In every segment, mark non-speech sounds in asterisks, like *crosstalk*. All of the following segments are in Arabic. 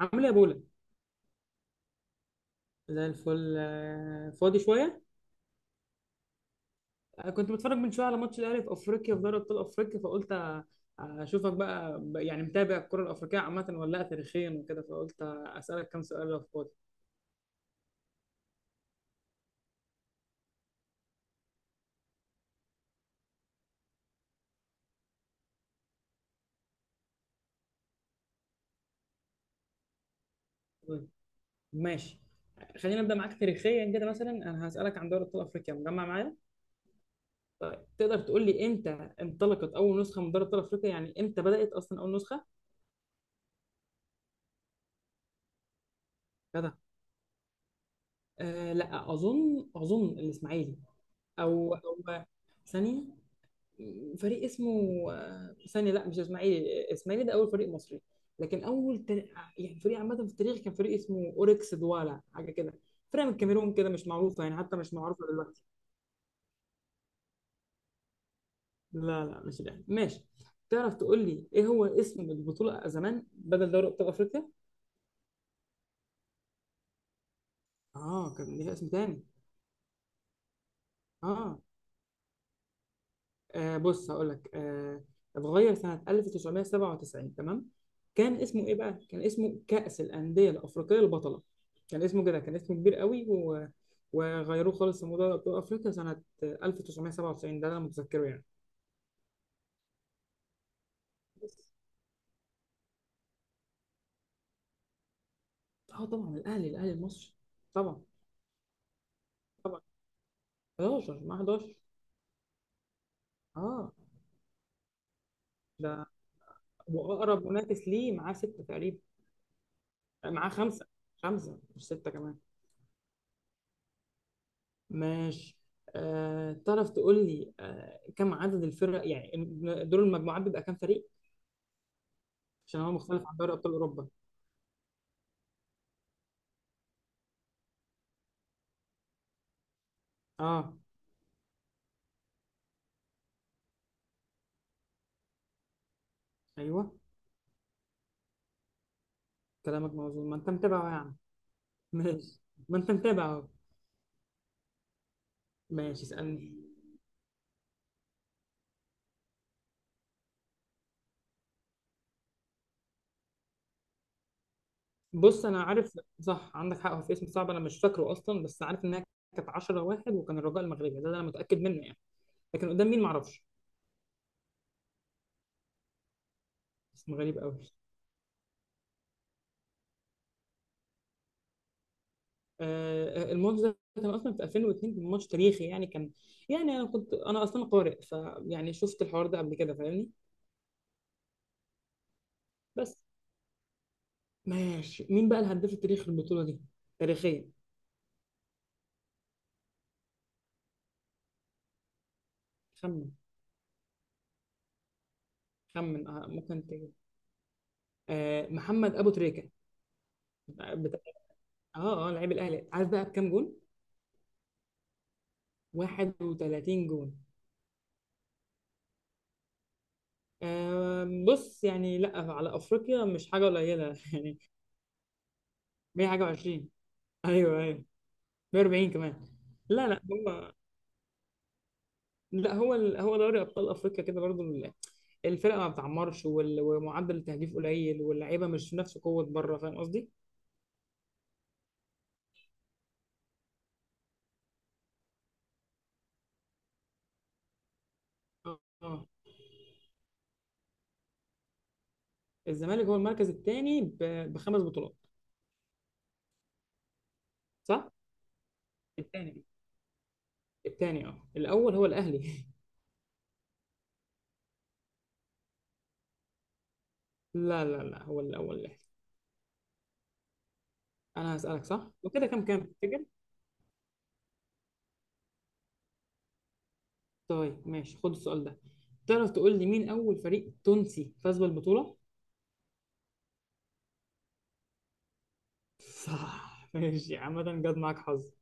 عامل ايه يا بولا؟ زي الفل، فاضي شويه. كنت بتفرج من شويه على ماتش الاهلي في افريقيا، في دوري ابطال افريقيا، فقلت اشوفك بقى، يعني متابع الكره الافريقيه عامه ولا لا، تاريخيا وكده، فقلت اسالك كام سؤال لو فاضي. طيب، ماشي. خلينا نبدا معاك تاريخيا كده. مثلا انا هسالك عن دوري ابطال افريقيا، مجمع معايا؟ طيب، تقدر تقول لي امتى انطلقت اول نسخه من دوري ابطال افريقيا؟ يعني امتى بدات اصلا اول نسخه؟ كده. لا، اظن الاسماعيلي. او ثانيه، فريق اسمه... ثانيه، لا، مش اسماعيلي. اسماعيلي ده اول فريق مصري، لكن اول يعني فريق عامه في التاريخ، كان فريق اسمه اوركس دوالا، حاجه كده. فريق من الكاميرون كده، مش معروفه يعني، حتى مش معروفه دلوقتي. لا، لا، مش الاهلي. ماشي. تعرف تقول لي ايه هو اسم البطوله زمان، بدل دوري ابطال افريقيا؟ اه، كان ليها اسم تاني. اه بص، هقول لك، اتغير سنة 1997، تمام. كان اسمه ايه بقى؟ كان اسمه كأس الأندية الأفريقية البطلة. كان اسمه كده، كان اسمه كبير قوي وغيروه خالص لموضوع أبطال أفريقيا سنة 1997. ده اللي أنا متذكره يعني. بس. اه طبعا، الأهلي المصري، طبعا. طبعا 11 مع 11. اه ده، وأقرب منافس ليه معاه ستة تقريبا. معاه خمسة. خمسة، مش ستة كمان. ماشي. تعرف تقول لي كم عدد الفرق يعني؟ دور المجموعات بيبقى كام فريق؟ عشان هو مختلف عن دوري ابطال اوروبا. اه، ايوه، كلامك موزون. ما انت متابعه يعني. *laughs* ماشي. ما انت متابعه أهو. ماشي، اسالني. بص، انا عارف. صح، عندك حق، هو في اسم صعب، انا مش فاكره اصلا، بس عارف انها كانت 10 واحد، وكان الرجاء المغربي، ده انا متاكد منه يعني، لكن قدام مين معرفش. اسم غريب قوي. الماتش ده كان اصلا في 2002، كان ماتش تاريخي يعني، كان... يعني انا كنت اصلا قارئ، فيعني شفت الحوار ده قبل كده، فاهمني. بس. ماشي، مين بقى الهداف التاريخي للبطوله دي؟ تاريخيا. خمن. خمن، ممكن تجي. محمد ابو تريكه. بتاع... اه لعيب الاهلي، عارف بقى بكام جون؟ 31 جون. بص، يعني لا، على افريقيا مش حاجه قليله *laughs* يعني. 100 حاجه و20. ايوه، ايوه. 140 كمان. لا، لا، هم. لا، هو هو دوري ابطال افريقيا كده برضو، الفرقه ما بتعمرش، ومعدل التهديف قليل، واللعيبه مش نفس قوه بره. فاهم قصدي؟ اه، آه. الزمالك هو المركز الثاني بخمس بطولات. صح؟ الثاني. الثاني، الاول هو الاهلي *laughs* لا، لا، لا، هو الاول الاهلي. انا هسالك، صح؟ وكده كام كام تفتكر؟ طيب، ماشي، خد السؤال ده. تعرف تقول لي مين اول فريق تونسي فاز بالبطوله؟ *laughs* صح، ماشي، عامة جت معاك حظ.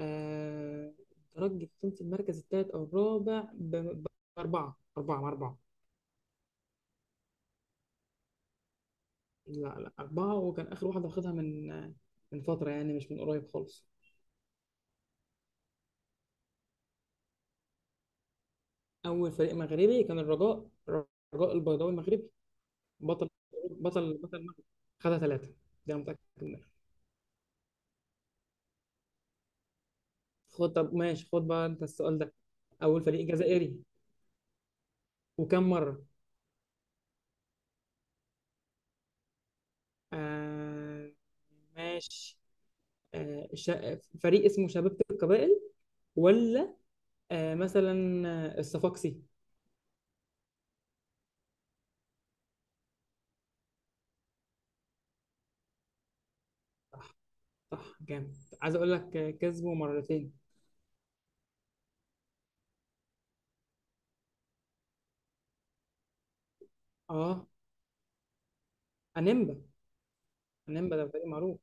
آه، الترجي كنت المركز الثالث او الرابع باربعه، اربعه مع اربعه. لا، لا، اربعه. وكان اخر واحده واخدها من فتره يعني، مش من قريب خالص. اول فريق مغربي كان الرجاء. الرجاء البيضاوي المغربي. بطل. بطل، بطل المغرب. خدها ثلاثه. ده أنا متاكد منها. خد. طب، ماشي، خد بقى انت السؤال ده. اول فريق جزائري، وكم مره؟ آه ماشي. فريق اسمه شباب القبائل. ولا... مثلا. الصفاقسي. صح، جامد. عايز اقول لك، كسبه مرتين. اه انيمبا. انيمبا ده فريق معروف.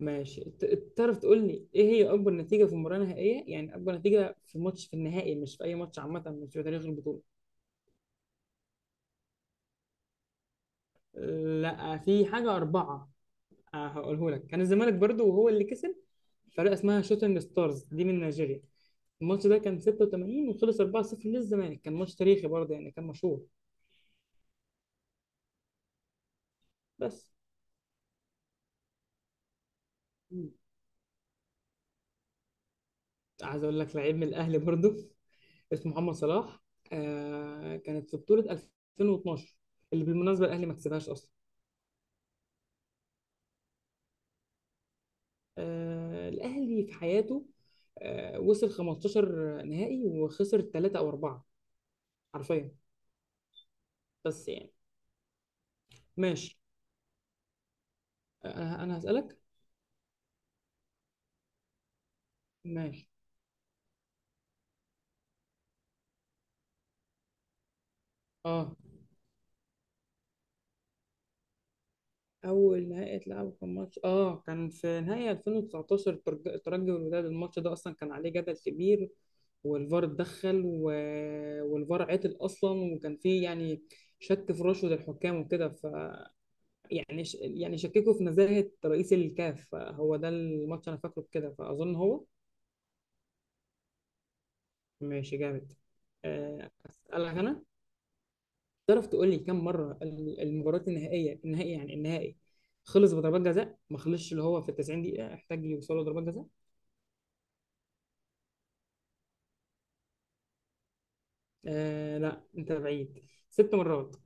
ماشي، تعرف تقول لي ايه هي اكبر نتيجه في مباراه نهائيه؟ يعني اكبر نتيجه في ماتش في النهائي، مش في اي ماتش عامه، مش في تاريخ البطوله. لا، في حاجه اربعه. هقوله لك، كان الزمالك برضو، وهو اللي كسب. فرقه اسمها شوتنج ستارز دي من نيجيريا. الماتش ده كان 86، وخلص 4-0 للزمالك. كان ماتش تاريخي برضه يعني، كان مشهور. بس. عايز اقول لك، لعيب من الاهلي برضو. *laughs* اسمه محمد صلاح. كانت في بطولة 2012، اللي بالمناسبة الاهلي ما كسبهاش اصلا. الاهلي في حياته، وصل 15 نهائي وخسر ثلاثة او اربعة، حرفيا. بس يعني. ماشي. انا هسألك. ماشي. اه اول نهائي اتلعبوا كان ماتش، كان في نهائي 2019، الترجي والوداد. الماتش ده اصلا كان عليه جدل كبير، والفار اتدخل والفار عطل اصلا، وكان فيه يعني شك في رشوة الحكام وكده، يعني شككوا في نزاهة رئيس الكاف، فهو ده الماتش، انا فاكره بكده، فاظن هو. ماشي، جامد. آه، اسالك انا. تعرف تقول لي كم مرة المباريات النهائية، النهائي يعني، النهائي خلص بضربات جزاء، ما خلصش اللي هو في ال 90 دقيقة، احتاج يوصلوا ضربات جزاء؟ لا، انت بعيد. ست مرات.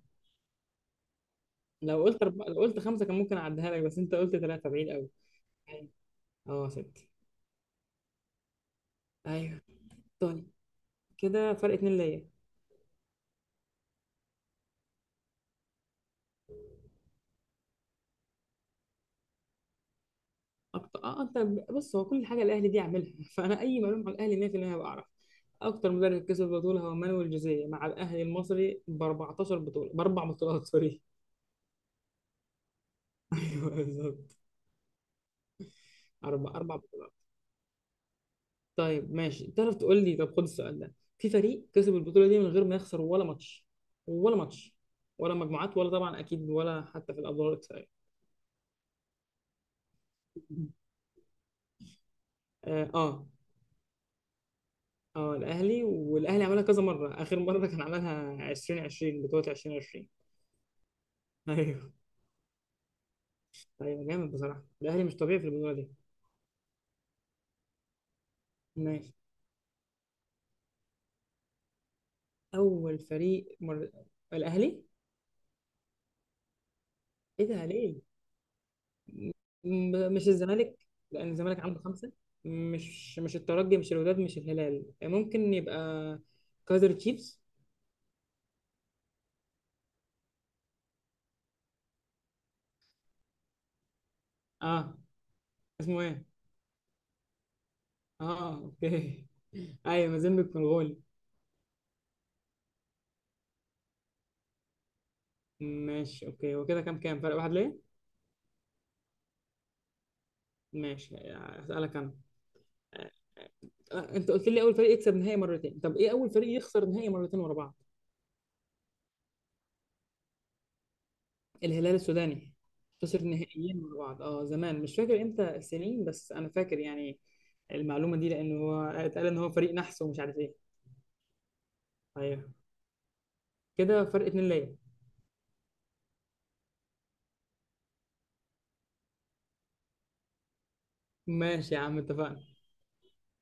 لو قلت خمسة كان ممكن اعديها لك، بس انت قلت ثلاثة، بعيد قوي. اه، ست. ايوه. طيب. كده فرق اتنين ليا. اكتر، انت... بص، هو كل حاجة الاهلي دي عاملها *laughs* فانا اي معلومة عن الاهلي 100% هبقى اعرف. اكتر مدرب كسب بطولة هو مانويل جوزيه مع الاهلي المصري ب 14 بطولة. باربع بطولات، سوري *laughs* ايوه، بالظبط. أربع بطولات. طيب، ماشي. تعرف تقول لي، طب خد السؤال ده. في فريق كسب البطولة دي من غير ما يخسر ولا ماتش؟ ولا ماتش. ولا مجموعات، ولا طبعا أكيد ولا حتى في الأدوار الإقصائية. آه، آه. الأهلي. والأهلي عملها كذا مرة، آخر مرة كان عملها 2020، بطولة 2020. أيوه، أيوه. طيب، جامد بصراحة. الأهلي مش طبيعي في البطولة دي. ماشي. أول فريق الأهلي. إيه ده ليه؟ مش الزمالك؟ لأن الزمالك عنده خمسة. مش الترجي، مش الوداد، مش الهلال. ممكن يبقى كايزر تشيفز؟ اه، اسمه ايه؟ اه اوكي *laughs* ايوه، مازيمبيك منغولي. ماشي، اوكي. هو كده كام كام؟ فرق واحد ليه؟ ماشي، هسألك انا. آه، انت قلت لي اول فريق يكسب نهائي مرتين، طب ايه اول فريق يخسر نهائي مرتين ورا بعض؟ الهلال السوداني. خسر نهائيين مع بعض، زمان، مش فاكر امتى السنين، بس انا فاكر يعني المعلومه دي، لان هو اتقال ان هو فريق نحس ومش عارف ايه. ايوه. كده فرق اتنين ليا. ماشي يا عم، اتفقنا.